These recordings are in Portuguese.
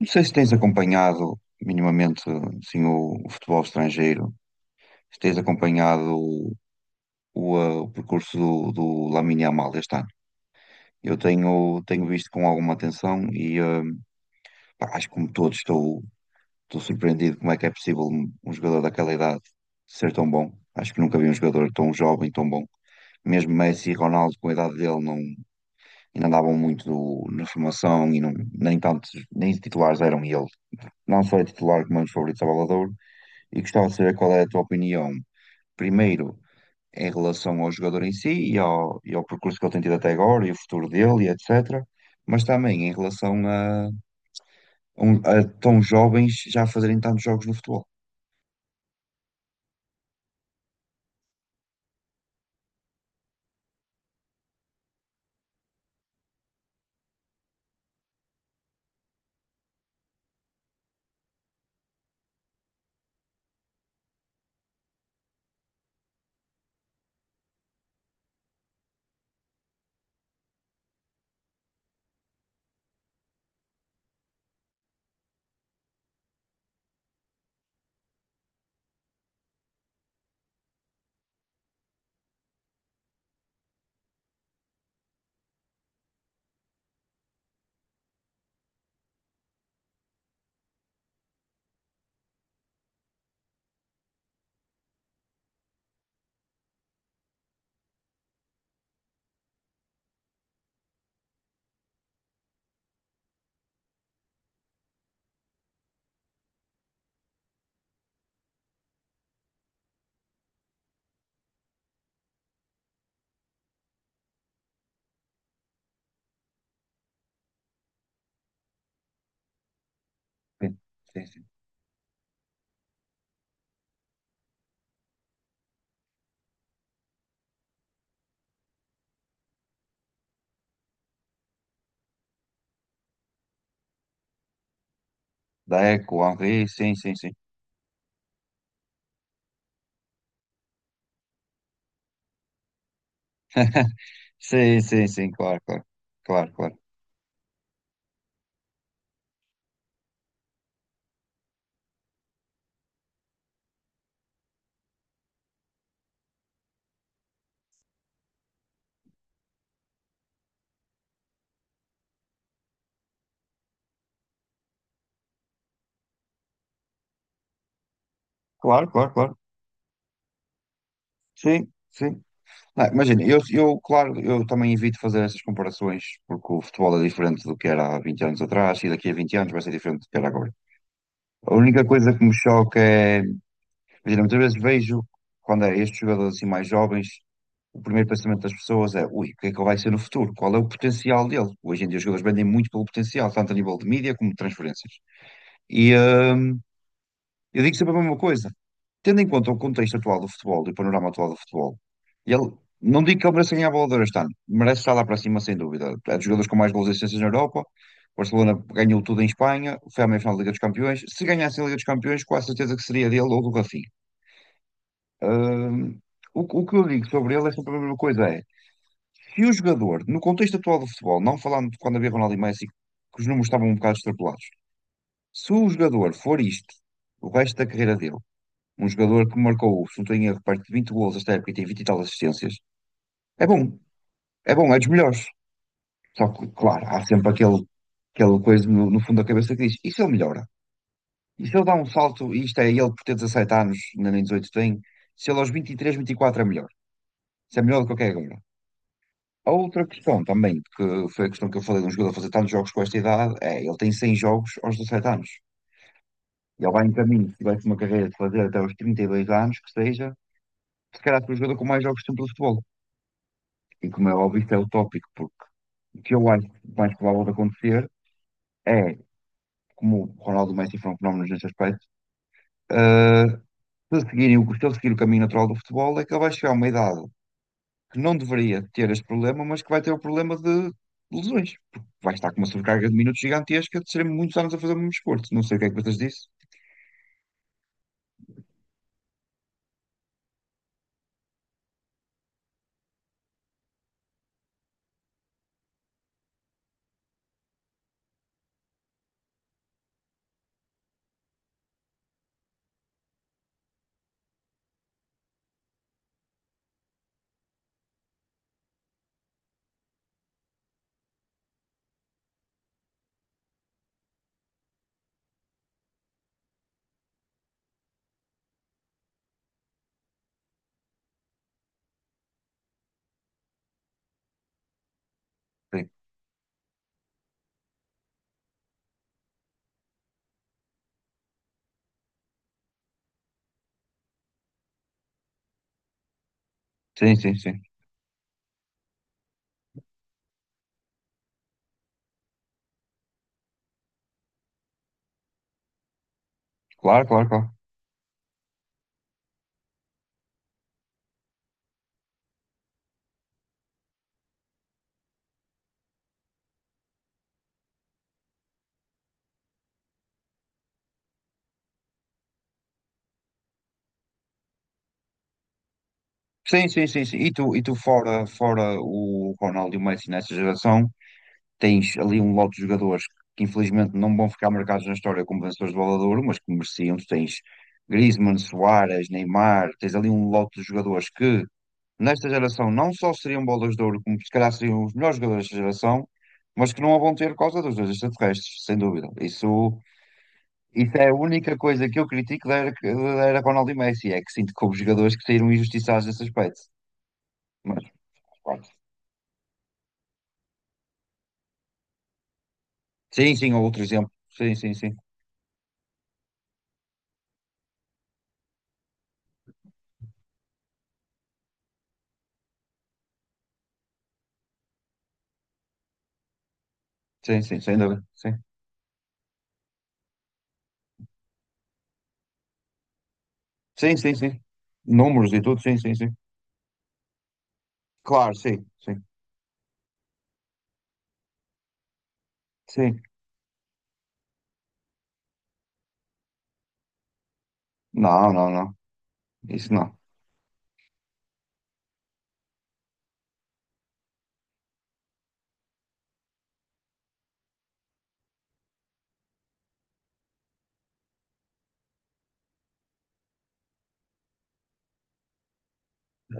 Não sei se tens acompanhado minimamente assim, o futebol estrangeiro, se tens acompanhado o percurso do Lamine Yamal este ano. Eu tenho visto com alguma atenção e pá, acho que como todos estou surpreendido como é que é possível um jogador daquela idade ser tão bom. Acho que nunca vi um jogador tão jovem, tão bom. Mesmo Messi e Ronaldo, com a idade dele, não, ainda andavam muito na formação e não, nem tantos, nem titulares eram ele. Não só é titular como é um dos favoritos à Bola de Ouro e gostava de saber qual é a tua opinião, primeiro, em relação ao jogador em si e e ao percurso que ele tem tido até agora e o futuro dele e etc. Mas também em relação a, a tão jovens já fazerem tantos jogos no futebol. Sim, sim, sim. Deco, Henry, sim, sim, sim. Sim, sim, sim, claro, claro. Claro, claro. Claro, claro, claro. Sim, sim. Não, imagina, eu, claro, eu também evito fazer essas comparações porque o futebol é diferente do que era há 20 anos atrás e daqui a 20 anos vai ser diferente do que era agora. A única coisa que me choca é, imagina, muitas vezes vejo quando é estes jogadores assim mais jovens, o primeiro pensamento das pessoas é, ui, o que é que ele vai ser no futuro? Qual é o potencial dele? Hoje em dia os jogadores vendem muito pelo potencial, tanto a nível de mídia como de transferências. E, hum, eu digo sempre a mesma coisa. Tendo em conta o contexto atual do futebol e o panorama atual do futebol, ele, não digo que ele mereça ganhar a Bola de Ouro este ano, merece estar lá para cima, sem dúvida. É dos jogadores com mais gols e assistências na Europa. O Barcelona ganhou tudo em Espanha, foi à meia-final da Liga dos Campeões. Se ganhasse a Liga dos Campeões, com a certeza que seria dele ou do Rafinha. Hum, o que eu digo sobre ele é sempre a mesma coisa: é se o jogador, no contexto atual do futebol, não falando de quando havia Ronaldo e Messi, que os números estavam um bocado extrapolados, se o jogador for isto, o resto da carreira dele, um jogador que marcou, se não tenho erro, perto de 20 gols esta época e tem 20 e tal assistências. É bom, é bom, é dos melhores. Só que, claro, há sempre aquela coisa no fundo da cabeça que diz: e se ele melhora? E se ele dá um salto, e isto é ele por ter 17 anos, ainda nem 18 tem, se ele aos 23, 24 é melhor. Se é melhor do que o que é agora. A outra questão também, que foi a questão que eu falei de um jogador fazer tantos jogos com esta idade, é ele tem 100 jogos aos 17 anos. Ele vai em caminho, se tivesse uma carreira de fazer até aos 32 anos, que seja, se calhar foi o jogador com mais jogos de sempre do futebol. E como é óbvio, isto é utópico, porque o que eu acho mais provável de acontecer é, como o Ronaldo e o Messi foram fenómenos neste aspecto, ah, se, seguirem, se ele seguir o caminho natural do futebol, é que ele vai chegar a uma idade que não deveria ter este problema, mas que vai ter o problema de lesões. Porque vai estar com uma sobrecarga de minutos gigantesca de serem muitos anos a fazer o mesmo desporto. Não sei o que é que vocês dizem. Sim, sim, sim. Sim. Claro, claro, claro. Sim, sim, sim, sim. E tu fora o Ronaldo e o Messi nessa geração, tens ali um lote de jogadores que infelizmente não vão ficar marcados na história como vencedores de Bola de Ouro, mas que mereciam. Tu tens Griezmann, Suárez, Neymar, tens ali um lote de jogadores que nesta geração não só seriam bolas de ouro, como se calhar seriam os melhores jogadores desta geração, mas que não a vão ter por causa dos dois extraterrestres, sem dúvida. Isso, isso é a única coisa que eu critico da era Ronaldo e Messi, é que sinto que houve jogadores que saíram injustiçados nesse aspecto. Mas, pronto. Sim, sim, outro exemplo. Sim, sim, sim. Sim, sim, sem dúvida. Sim. Sim, sim, sim. Números e tudo, sim, sim, sim. Claro, sim, sim, sim. Não, não, não. Isso não.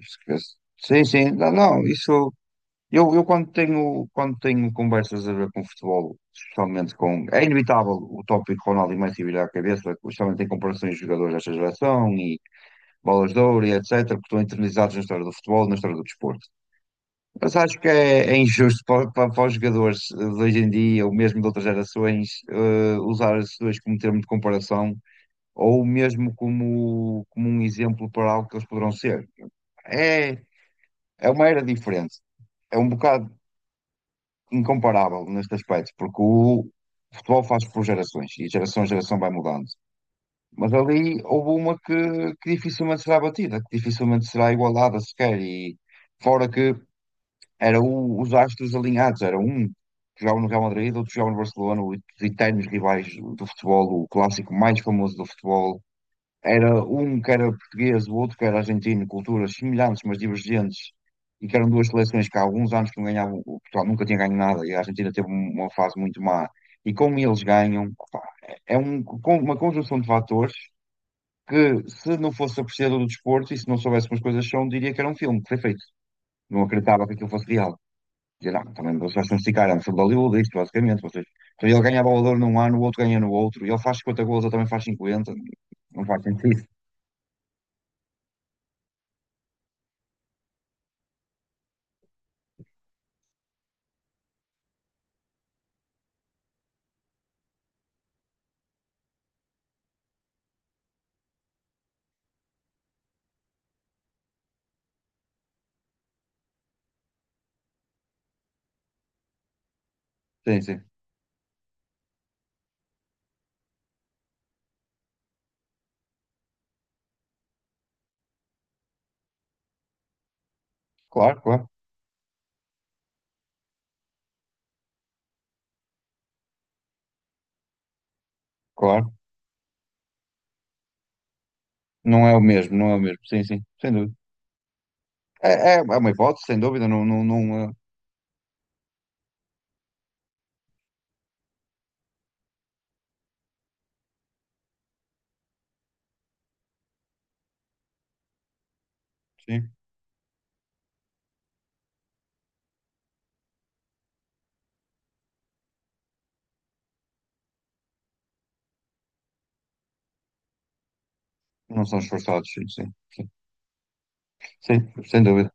Esquece. Sim, sim. Não, não, isso. Eu quando quando tenho conversas a ver com futebol, especialmente com. É inevitável o tópico Ronaldo e Messi virar a cabeça, especialmente em comparações de jogadores desta geração e bolas de ouro e etc., que estão internalizados na história do futebol, e na história do desporto. Mas acho que é injusto para, para os jogadores de hoje em dia, ou mesmo de outras gerações, usar esses dois como termo de comparação, ou mesmo como, como um exemplo para algo que eles poderão ser. É, é uma era diferente. É um bocado incomparável neste aspecto, porque o futebol faz por gerações, e geração a geração vai mudando. Mas ali houve uma que dificilmente será batida, que dificilmente será igualada sequer, e fora que era os astros alinhados, era um que jogava no Real Madrid, outro que jogava no Barcelona, os eternos rivais do futebol, o clássico mais famoso do futebol. Era um que era português, o outro que era argentino, culturas semelhantes, mas divergentes, e que eram duas seleções que há alguns anos que não ganhavam, o Portugal nunca tinha ganho nada, e a Argentina teve uma fase muito má. E como eles ganham, opá, é uma conjunção de fatores que, se não fosse apreciador do desporto e se não soubesse como as coisas são, diria que era um filme que foi feito. Não acreditava que aquilo fosse real. Dizia, não, também vocês não se ficaram, se valeu disto, basicamente. Vocês... Então, ele ganha valor num ano, o outro ganha no outro, e ele faz 50 gols, ele também faz 50. Não faz sentido. Sim, sim. Claro, claro, claro. Não é o mesmo, não é o mesmo. Sim, sim, sem dúvida. É uma hipótese, sem dúvida, não, não, não, eh, sim, não são esforçados, sim, sim, sim, sim, sem dúvida.